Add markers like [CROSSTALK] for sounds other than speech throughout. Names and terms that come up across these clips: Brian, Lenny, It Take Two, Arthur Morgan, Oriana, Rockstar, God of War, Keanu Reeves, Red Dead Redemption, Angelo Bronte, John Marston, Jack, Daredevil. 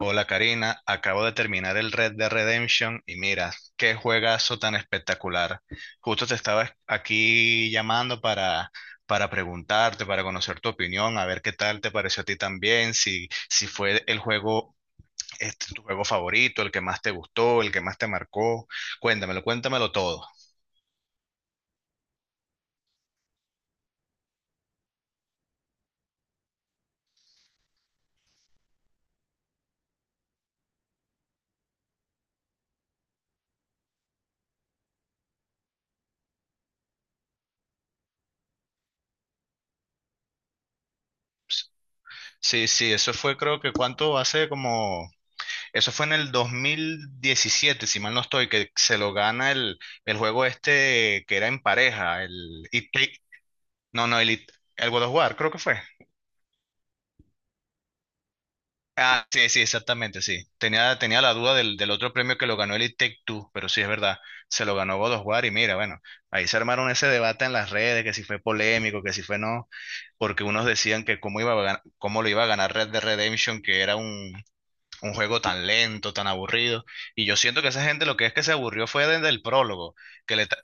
Hola Karina, acabo de terminar el Red Dead Redemption y mira, qué juegazo tan espectacular. Justo te estaba aquí llamando para preguntarte, para conocer tu opinión, a ver qué tal te pareció a ti también, si fue el juego, este, tu juego favorito, el que más te gustó, el que más te marcó. Cuéntamelo, cuéntamelo todo. Sí, sí, eso fue, creo que cuánto hace como. Eso fue en el 2017, si mal no estoy, que se lo gana el juego este que era en pareja, el It Take- no, no, el, It- el God of War, creo que fue. Ah, sí, sí, exactamente, sí. Tenía la duda del otro premio que lo ganó el It Take Two, pero sí es verdad, se lo ganó God of War y mira, bueno, ahí se armaron ese debate en las redes, que si fue polémico, que si fue no, porque unos decían que cómo iba a cómo lo iba a ganar Red Dead Redemption, que era un juego tan lento, tan aburrido. Y yo siento que esa gente lo que es que se aburrió fue desde el prólogo, que le, ta-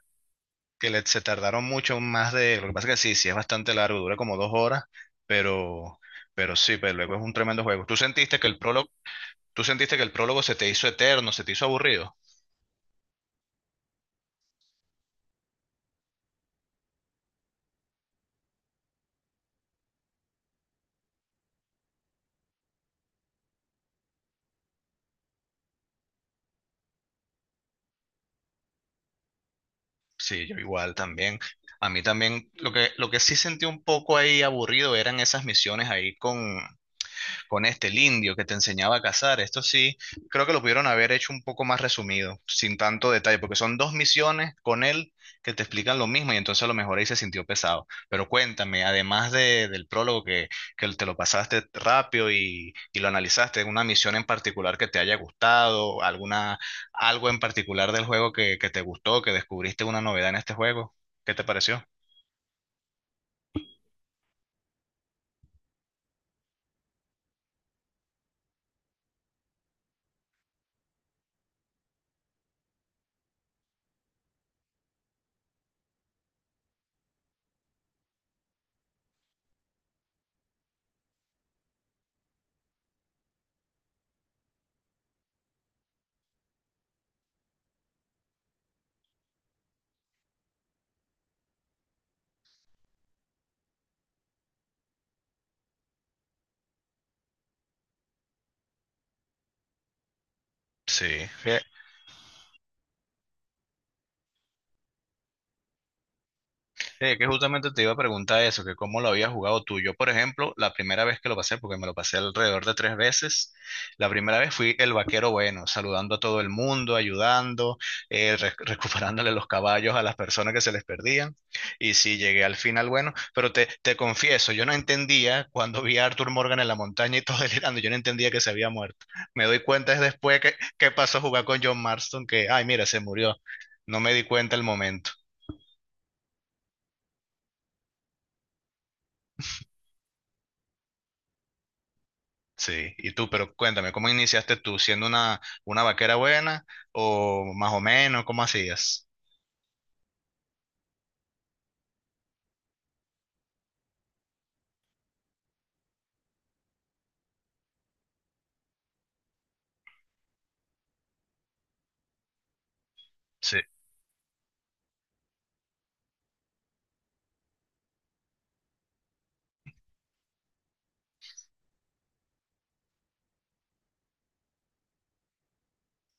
que le- se tardaron mucho más de. Lo que pasa es que sí, sí es bastante largo, dura como dos horas, pero, pero sí, pero luego es un tremendo juego. ¿Tú sentiste que el prólogo se te hizo eterno, se te hizo aburrido? Sí, yo igual también. A mí también, lo que sí sentí un poco ahí aburrido eran esas misiones ahí con este, el indio que te enseñaba a cazar. Esto sí, creo que lo pudieron haber hecho un poco más resumido, sin tanto detalle, porque son dos misiones con él que te explican lo mismo y entonces a lo mejor ahí se sintió pesado. Pero cuéntame, además del prólogo que te lo pasaste rápido y lo analizaste, una misión en particular que te haya gustado, alguna, algo en particular del juego que te gustó, que descubriste una novedad en este juego, ¿qué te pareció? Sí. Sí, que justamente te iba a preguntar eso, que cómo lo habías jugado tú. Yo, por ejemplo, la primera vez que lo pasé, porque me lo pasé alrededor de tres veces, la primera vez fui el vaquero bueno, saludando a todo el mundo, ayudando, recuperándole los caballos a las personas que se les perdían. Y sí, llegué al final bueno, pero te confieso, yo no entendía cuando vi a Arthur Morgan en la montaña y todo [LAUGHS] delirando, yo no entendía que se había muerto. Me doy cuenta es después que pasó a jugar con John Marston, que, ay, mira, se murió. No me di cuenta el momento. Sí, y tú, pero cuéntame, ¿cómo iniciaste tú? ¿Siendo una vaquera buena o más o menos? ¿Cómo hacías? Sí,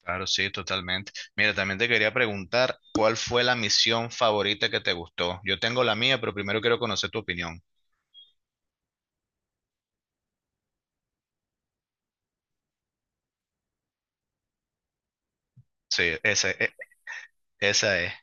claro, sí, totalmente. Mira, también te quería preguntar, ¿cuál fue la misión favorita que te gustó? Yo tengo la mía, pero primero quiero conocer tu opinión. Sí, esa es.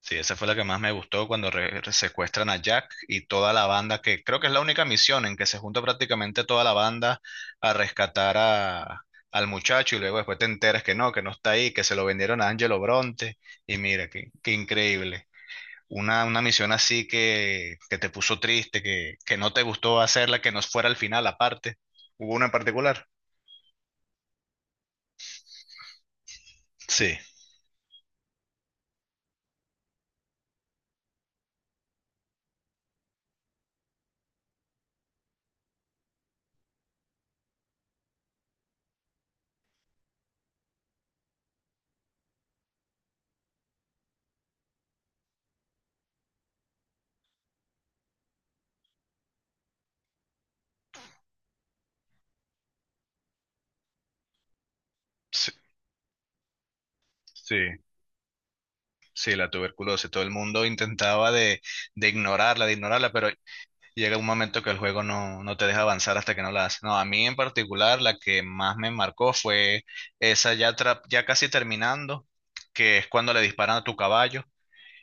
Sí, esa fue la que más me gustó cuando secuestran a Jack y toda la banda, que creo que es la única misión en que se junta prácticamente toda la banda a rescatar a, al muchacho y luego después te enteras que no está ahí, que se lo vendieron a Angelo Bronte y mira, qué, qué increíble. Una misión así que te puso triste, que no te gustó hacerla, que no fuera al final aparte. ¿Hubo una en particular? Sí, sí, sí, sí, la tuberculosis. Todo el mundo intentaba de ignorarla, de ignorarla, pero. Llega un momento que el juego no, no te deja avanzar hasta que no la haces. No, a mí en particular la que más me marcó fue esa ya, ya casi terminando, que es cuando le disparan a tu caballo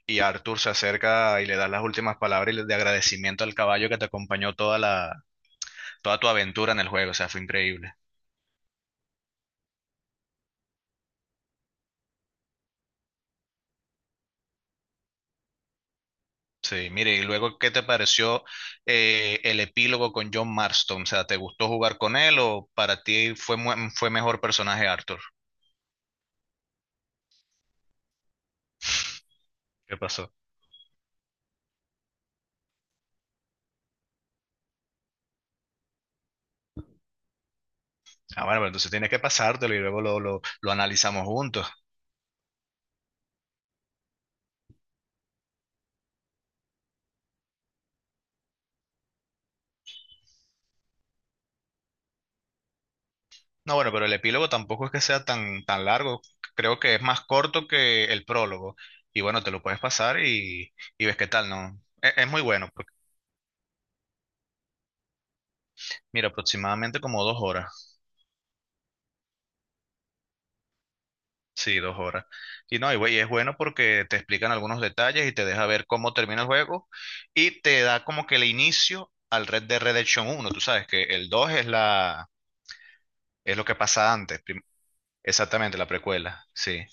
y Arthur se acerca y le da las últimas palabras de agradecimiento al caballo que te acompañó toda toda tu aventura en el juego. O sea, fue increíble. Sí, mire, y luego, ¿qué te pareció el epílogo con John Marston? O sea, ¿te gustó jugar con él o para ti fue, fue mejor personaje Arthur? ¿Qué pasó? Ah, bueno, pero entonces tiene que pasártelo y luego lo analizamos juntos. No, bueno, pero el epílogo tampoco es que sea tan, tan largo. Creo que es más corto que el prólogo. Y bueno, te lo puedes pasar y ves qué tal, ¿no? Es muy bueno. Mira, aproximadamente como dos horas. Sí, dos horas. Y no, y, y es bueno porque te explican algunos detalles y te deja ver cómo termina el juego y te da como que el inicio al Red Dead Redemption uno. Tú sabes que el 2 es es lo que pasa antes. Exactamente, la precuela, sí.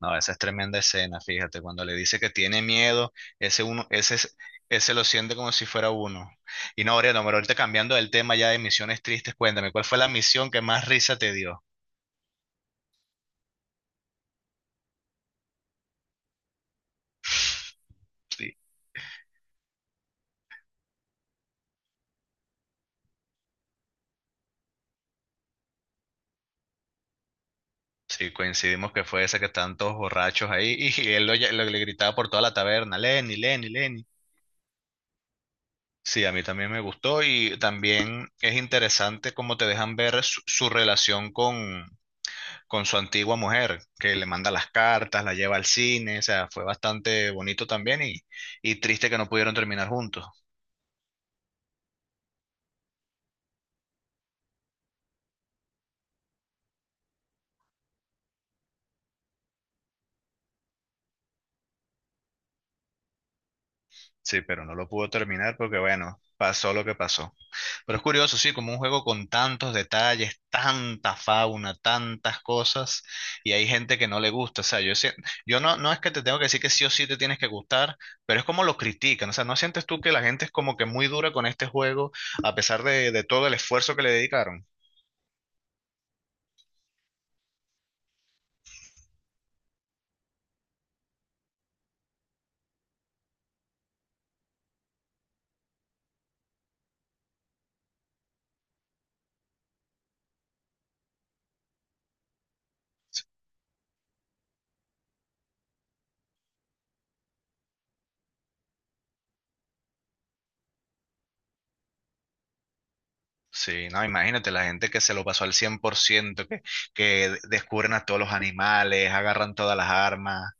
No, esa es tremenda escena, fíjate, cuando le dice que tiene miedo, ese uno, ese lo siente como si fuera uno. Y no, Oriana, pero ahorita cambiando del tema ya de misiones tristes, cuéntame, ¿cuál fue la misión que más risa te dio? [LAUGHS] Sí, sí, coincidimos que fue esa que están todos borrachos ahí [LAUGHS] y él le gritaba por toda la taberna, Lenny, Lenny, Lenny. Sí, a mí también me gustó y también es interesante cómo te dejan ver su, su relación con su antigua mujer, que le manda las cartas, la lleva al cine, o sea, fue bastante bonito también y triste que no pudieron terminar juntos. Sí, pero no lo pudo terminar porque, bueno, pasó lo que pasó. Pero es curioso, sí, como un juego con tantos detalles, tanta fauna, tantas cosas, y hay gente que no le gusta, o sea, yo no, no es que te tengo que decir que sí o sí te tienes que gustar, pero es como lo critican, o sea, ¿no sientes tú que la gente es como que muy dura con este juego a pesar de todo el esfuerzo que le dedicaron? Sí, no, imagínate la gente que se lo pasó al 100%, que descubren a todos los animales, agarran todas las armas.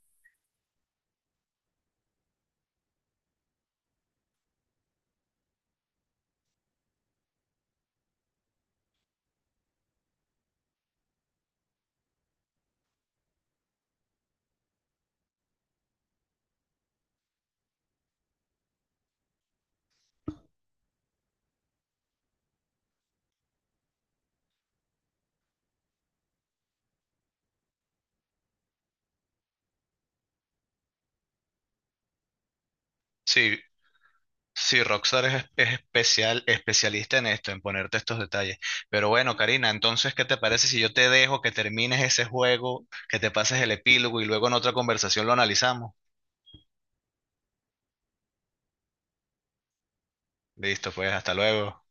Sí, sí, Rockstar es especial, especialista en esto, en ponerte estos detalles. Pero bueno, Karina, entonces, ¿qué te parece si yo te dejo que termines ese juego, que te pases el epílogo y luego en otra conversación lo analizamos? Listo, pues, hasta luego.